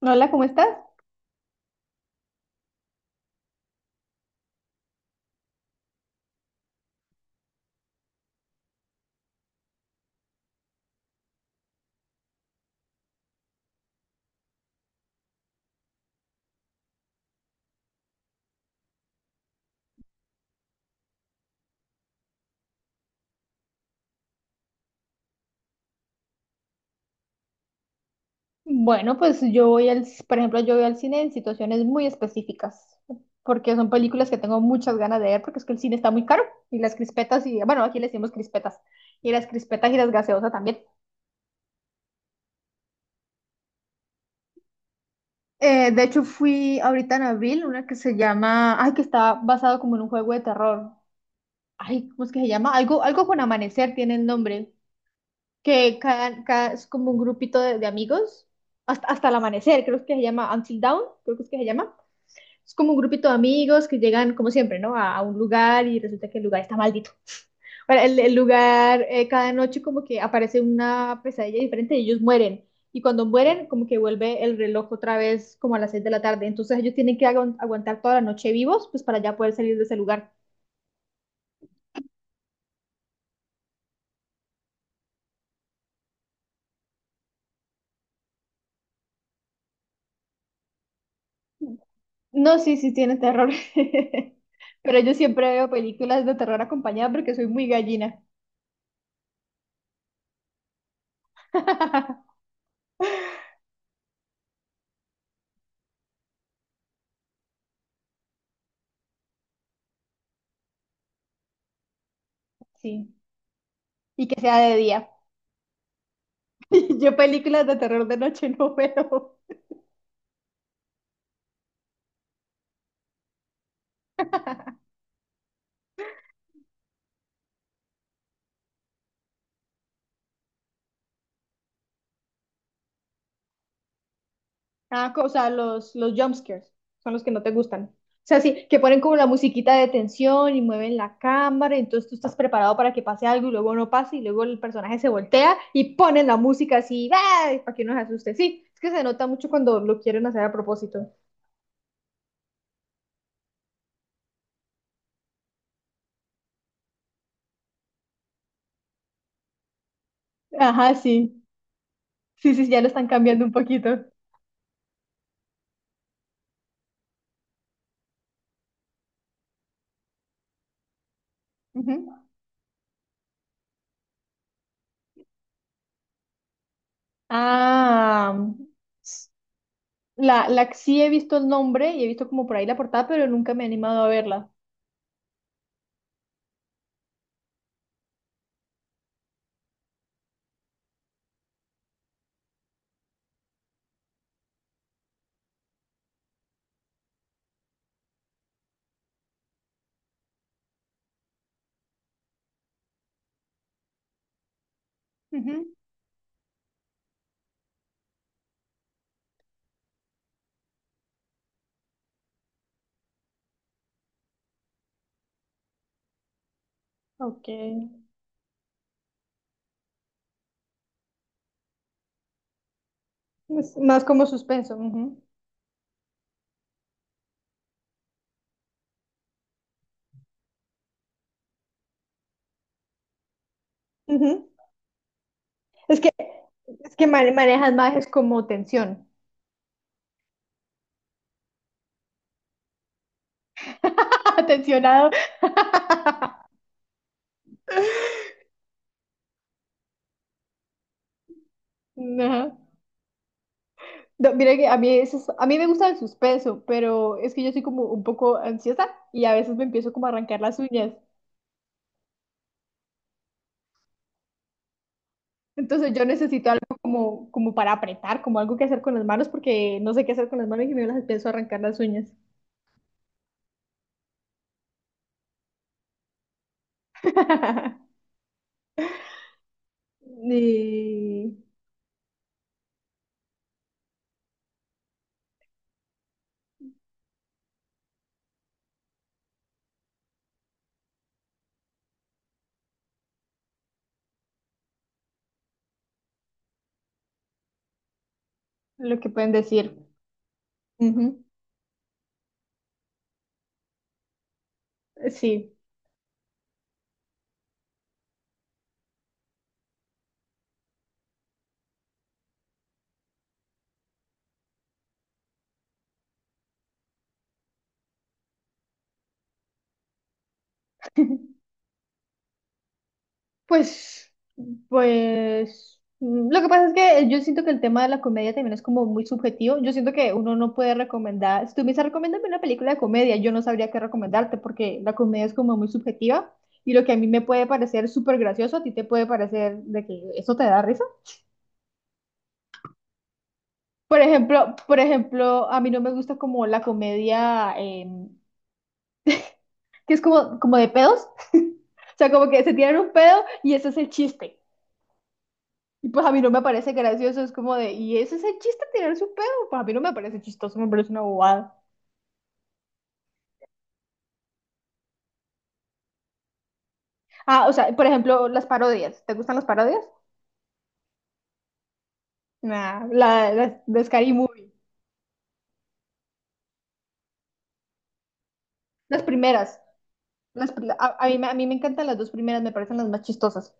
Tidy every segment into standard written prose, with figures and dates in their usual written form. Hola, ¿cómo estás? Bueno, pues yo voy por ejemplo, yo voy al cine en situaciones muy específicas, porque son películas que tengo muchas ganas de ver, porque es que el cine está muy caro, y las crispetas, y bueno, aquí le decimos crispetas y las gaseosas también. De hecho, fui ahorita en abril, una que se llama, ay, que está basado como en un juego de terror. Ay, ¿cómo es que se llama? Algo con amanecer tiene el nombre, que es como un grupito de amigos, hasta el amanecer, creo que se llama Until Dawn, creo que es que se llama. Es como un grupito de amigos que llegan, como siempre, ¿no? A un lugar y resulta que el lugar está maldito. Bueno, el lugar, cada noche como que aparece una pesadilla diferente y ellos mueren. Y cuando mueren, como que vuelve el reloj otra vez como a las 6 de la tarde. Entonces ellos tienen que aguantar toda la noche vivos, pues para ya poder salir de ese lugar. No, sí, sí, tiene terror. Pero yo siempre veo películas de terror acompañada porque soy muy gallina. Sí. Y que sea de día. Yo películas de terror de noche no veo. Ah, o sea, los jumpscares son los que no te gustan. O sea, sí, que ponen como la musiquita de tensión y mueven la cámara, entonces tú estás preparado para que pase algo y luego no pasa y luego el personaje se voltea y ponen la música así, ¡ay! Para que uno se asuste. Sí, es que se nota mucho cuando lo quieren hacer a propósito. Ajá, sí. Sí, sí, ya lo están cambiando un poquito. Ujú. Ah, s- la sí he visto el nombre y he visto como por ahí la portada, pero nunca me he animado a verla. Ujú. Ok. Es más como suspenso. Ujú, ujú. Es que, es que manejas más es como tensión. Tensionado. No. No, mira que a mí, a mí me gusta el suspenso, pero es que yo soy como un poco ansiosa y a veces me empiezo como a arrancar las uñas. Entonces yo necesito algo como para apretar, como algo que hacer con las manos, porque no sé qué hacer con las manos y me las empiezo a arrancar las uñas. Y lo que pueden decir. Ujú, sí. Pues, pues, lo que pasa es que yo siento que el tema de la comedia también es como muy subjetivo. Yo siento que uno no puede recomendar, si tú me dices, recomiéndame una película de comedia, yo no sabría qué recomendarte porque la comedia es como muy subjetiva y lo que a mí me puede parecer súper gracioso, a ti te puede parecer de que eso te da risa. Por ejemplo, a mí no me gusta como la comedia, que es como de pedos, o sea, como que se tiran un pedo y ese es el chiste. Y pues a mí no me parece gracioso, es como de, ¿y ese es el chiste, tirar su pedo? Pues a mí no me parece chistoso, me parece una bobada. Ah, o sea, por ejemplo, las parodias. ¿Te gustan las parodias? Nah, las de Scary Movie. Las primeras. Las, pri- a mí, me- A mí me encantan las dos primeras, me parecen las más chistosas.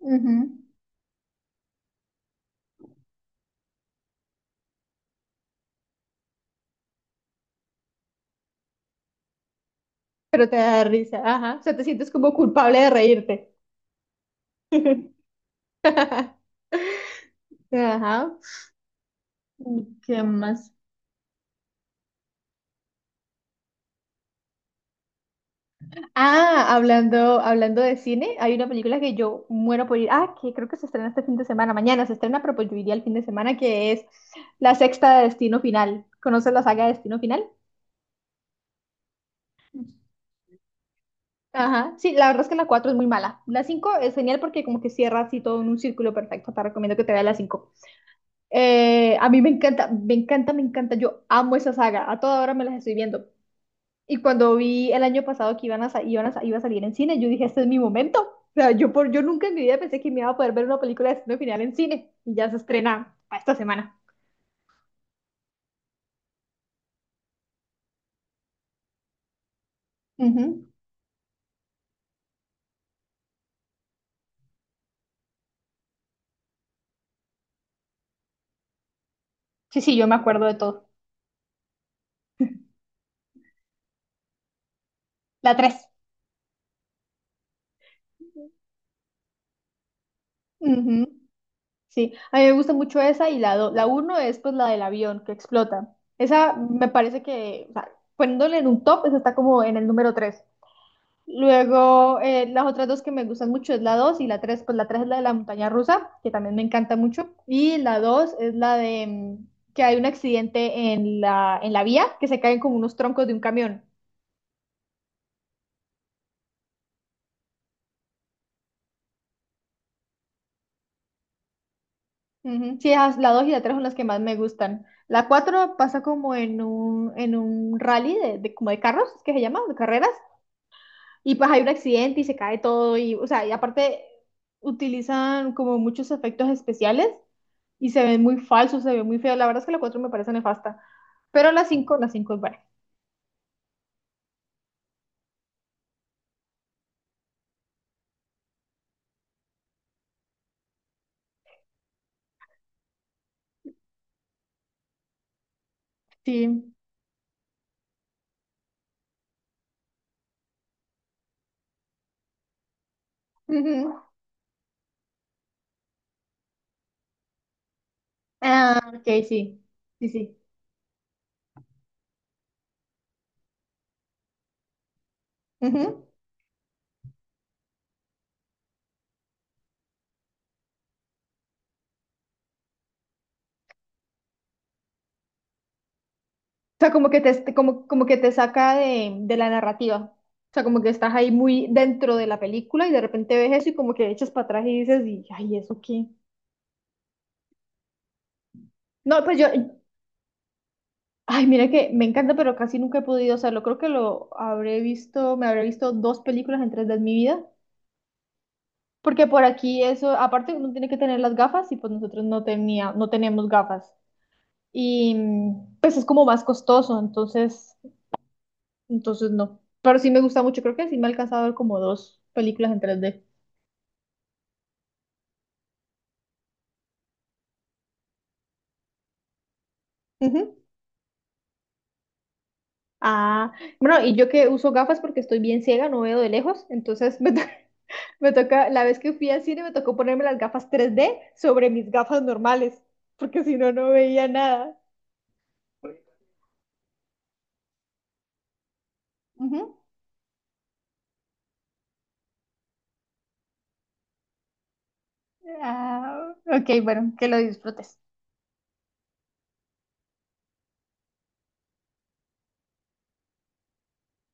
Ujú. Pero te da risa, ajá. O sea, te sientes como culpable de reírte. Ajá. ¿Qué más? Ah, hablando de cine, hay una película que yo muero por ir. Ah, que creo que se estrena este fin de semana. Mañana se estrena, pero pues yo iría el fin de semana, que es la sexta de Destino Final. ¿Conoces la saga de Destino Final? Ajá. Sí, la verdad es que la 4 es muy mala. La 5 es genial porque como que cierra así todo en un círculo perfecto. Te recomiendo que te veas la 5. A mí me encanta, me encanta, me encanta. Yo amo esa saga. A toda hora me las estoy viendo. Y cuando vi el año pasado que iba a salir en cine, yo dije, este es mi momento. O sea, yo nunca en mi vida pensé que me iba a poder ver una película de destino final en cine. Y ya se estrena para esta semana. Ujú. Sí, sí, yo me acuerdo de todo. La 3. Sí, a mí me gusta mucho esa y la uno es pues la del avión que explota. Esa me parece que, o sea, poniéndole en un top, esa está como en el número tres. Luego, las otras dos que me gustan mucho es la 2 y la tres. Pues la 3 es la de la montaña rusa, que también me encanta mucho. Y la 2 es la de que hay un accidente en la vía, que se caen como unos troncos de un camión. Ujú. Sí, la 2 y la 3 son las que más me gustan. La 4 pasa como en un rally como de carros, ¿es que se llama, de carreras. Y pues hay un accidente y se cae todo. Y, o sea, y aparte utilizan como muchos efectos especiales y se ven muy falsos, se ven muy feos. La verdad es que la 4 me parece nefasta, pero la cinco es buena. Sí. Ujú. Ah, ok, sí. Sí, sí. Ujú. O sea, como que te saca de la narrativa. O sea, como que estás ahí muy dentro de la película y de repente ves eso y como que echas para atrás y dices, y, ay, ¿eso qué? No, pues yo, ay, mira que me encanta, pero casi nunca he podido hacerlo. Creo que lo habré visto, me habré visto dos películas en tres de mi vida. Porque por aquí eso, aparte uno tiene que tener las gafas y pues nosotros no tenía, no tenemos gafas. Y pues es como más costoso, entonces no. Pero sí me gusta mucho, creo que sí me ha alcanzado a ver como dos películas en 3D. Ujú. Ah, bueno, y yo que uso gafas porque estoy bien ciega, no veo de lejos, entonces me toca, la vez que fui al cine me tocó ponerme las gafas 3D sobre mis gafas normales, porque si no, no veía nada. Ujú. Ah, ok, bueno, que lo disfrutes.